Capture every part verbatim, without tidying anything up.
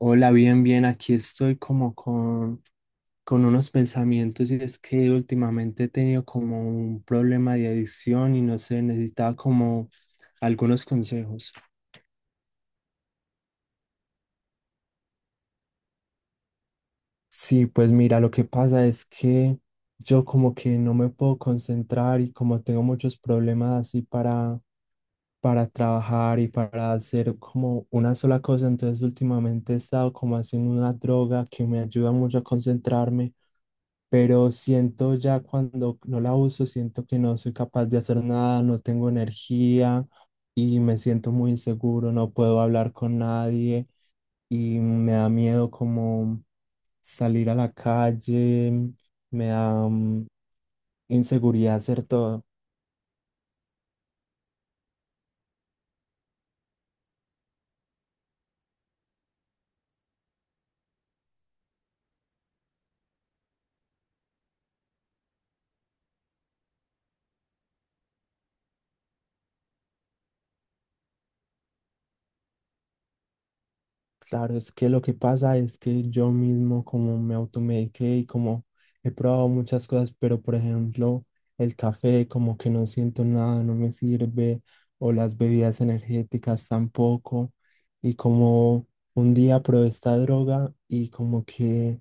Hola, bien, bien, aquí estoy como con, con unos pensamientos, y es que últimamente he tenido como un problema de adicción y no sé, necesitaba como algunos consejos. Sí, pues mira, lo que pasa es que yo como que no me puedo concentrar y como tengo muchos problemas así para, para trabajar y para hacer como una sola cosa. Entonces últimamente he estado como haciendo una droga que me ayuda mucho a concentrarme, pero siento ya cuando no la uso, siento que no soy capaz de hacer nada, no tengo energía y me siento muy inseguro, no puedo hablar con nadie y me da miedo como salir a la calle, me da mm, inseguridad hacer todo. Claro, es que lo que pasa es que yo mismo como me automediqué y como he probado muchas cosas, pero por ejemplo el café como que no siento nada, no me sirve, o las bebidas energéticas tampoco, y como un día probé esta droga y como que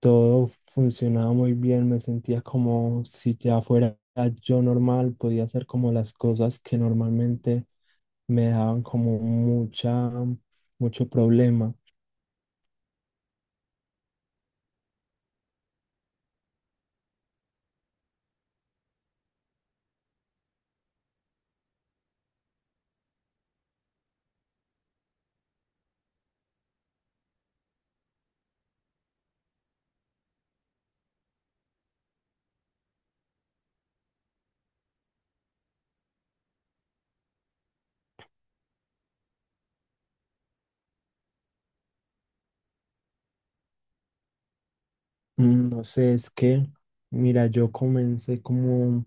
todo funcionaba muy bien, me sentía como si ya fuera yo normal, podía hacer como las cosas que normalmente me daban como mucha mucho problema. Mm, No sé, es que, mira, yo comencé como,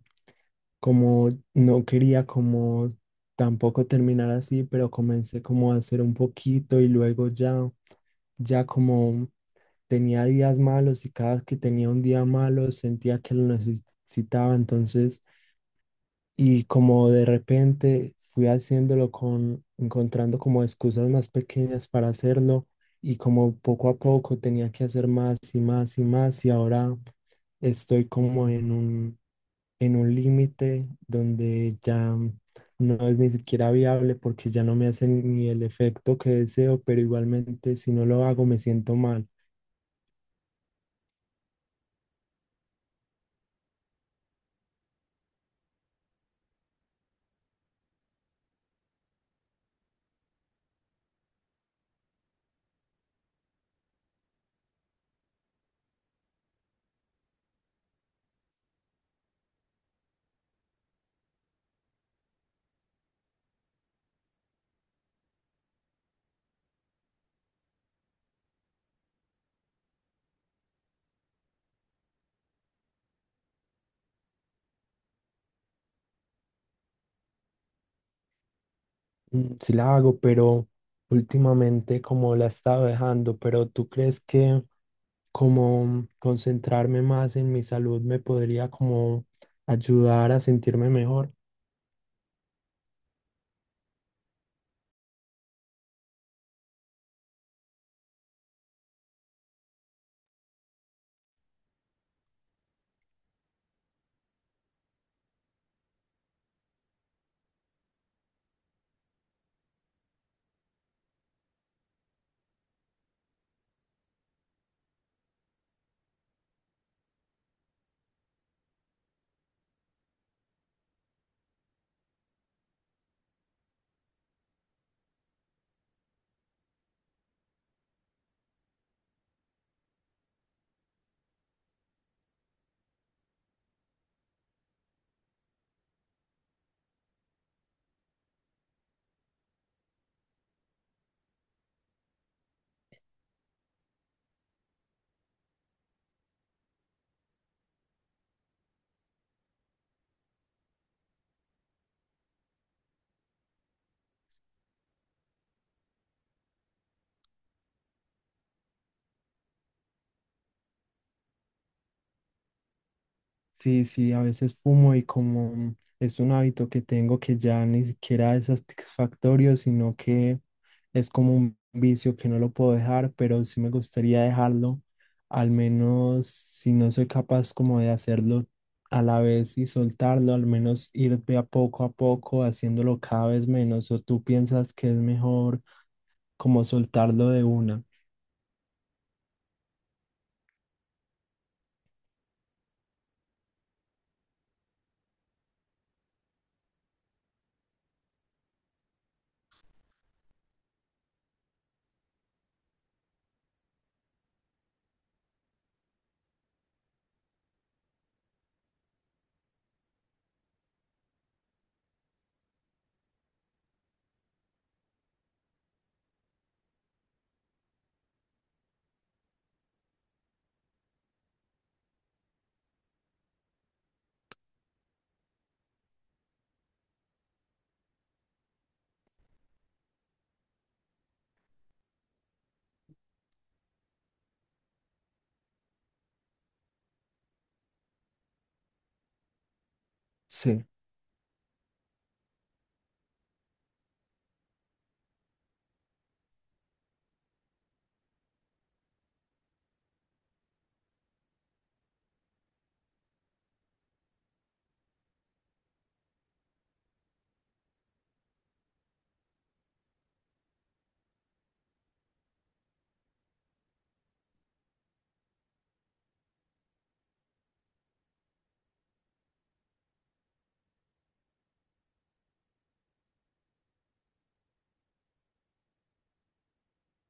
como, no quería como tampoco terminar así, pero comencé como a hacer un poquito y luego ya, ya como tenía días malos, y cada vez que tenía un día malo sentía que lo necesitaba. Entonces y como de repente fui haciéndolo con, encontrando como excusas más pequeñas para hacerlo, y como poco a poco tenía que hacer más y más y más, y ahora estoy como en un, en un límite donde ya no es ni siquiera viable porque ya no me hace ni el efecto que deseo, pero igualmente si no lo hago me siento mal. Mm, Sí la hago, pero últimamente como la he estado dejando, pero ¿tú crees que... como concentrarme más en mi salud me podría como ayudar a sentirme mejor? Sí, sí, a veces fumo, y como es un hábito que tengo que ya ni siquiera es satisfactorio, sino que es como un vicio que no lo puedo dejar, pero sí me gustaría dejarlo. Al menos si no soy capaz como de hacerlo a la vez y soltarlo, al menos ir de a poco a poco haciéndolo cada vez menos, ¿o tú piensas que es mejor como soltarlo de una? Sí,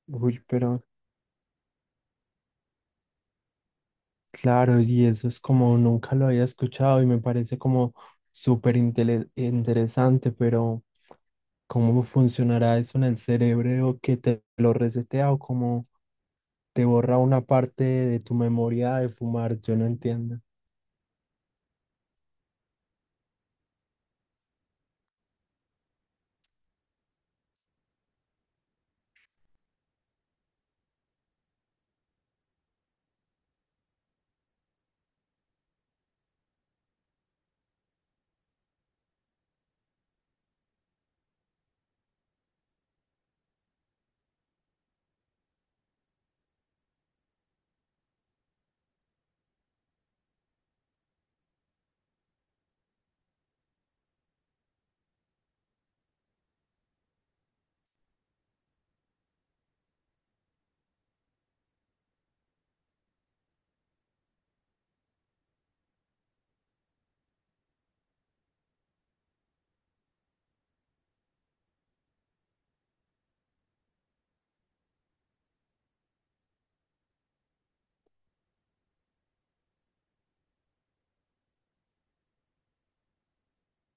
uy, pero claro, y eso es como nunca lo había escuchado y me parece como súper intele- interesante, pero ¿cómo funcionará eso en el cerebro, que te lo resetea o como te borra una parte de tu memoria de fumar? Yo no entiendo.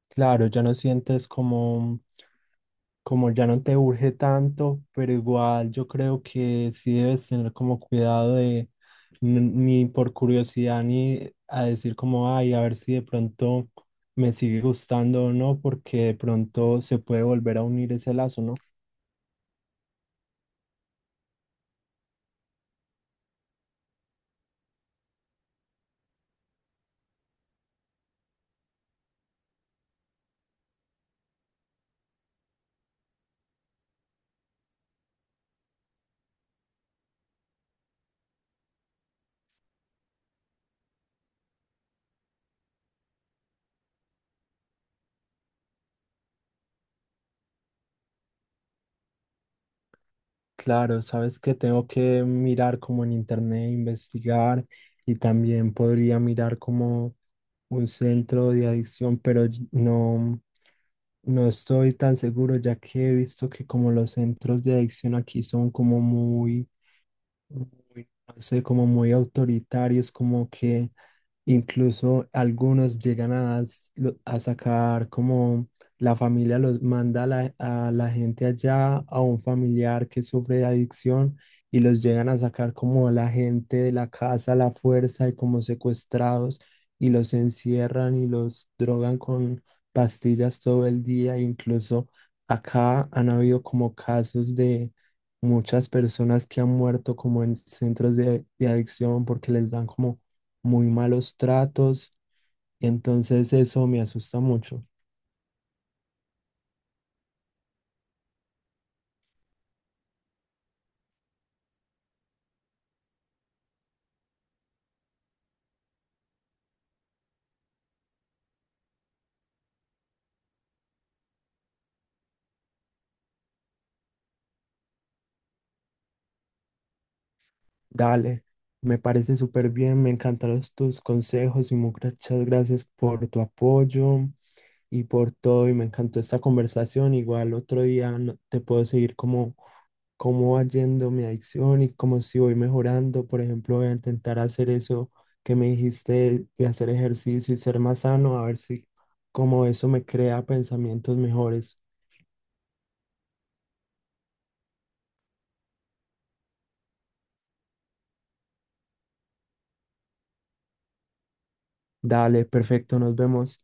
Claro, ya no sientes como como ya no te urge tanto, pero igual yo creo que sí debes tener como cuidado de n- ni por curiosidad ni a decir como, ay, a ver si de pronto me sigue gustando o no, porque de pronto se puede volver a unir ese lazo, ¿no? Claro, sabes que tengo que mirar como en internet, investigar, y también podría mirar como un centro de adicción, pero ll- no. No estoy tan seguro, ya que he visto que como los centros de adicción aquí son como muy muy, no sé, como muy autoritarios, como que incluso algunos llegan a, s- lo- a sacar como la familia los manda a la, a la gente allá, a un familiar que sufre de adicción, y los llegan a sacar como la gente de la casa a la fuerza y como secuestrados, y los encierran y los drogan con pastillas todo el día. Incluso acá han habido como casos, muchas personas que han muerto como en centros de, de adicción porque les dan como muy malos tratos. Y entonces eso me asusta mucho. Dale, me parece súper bien, me encantaron tus consejos y muchas gracias por tu apoyo y por todo. Y me encantó esta conversación. Igual otro día no- te puedo seguir como cómo va yendo mi adicción y cómo, si voy mejorando. Por ejemplo, voy a intentar hacer eso que me dijiste de hacer ejercicio y ser más sano, a ver si como eso me crea pensamientos mejores. Dale, perfecto, nos vemos.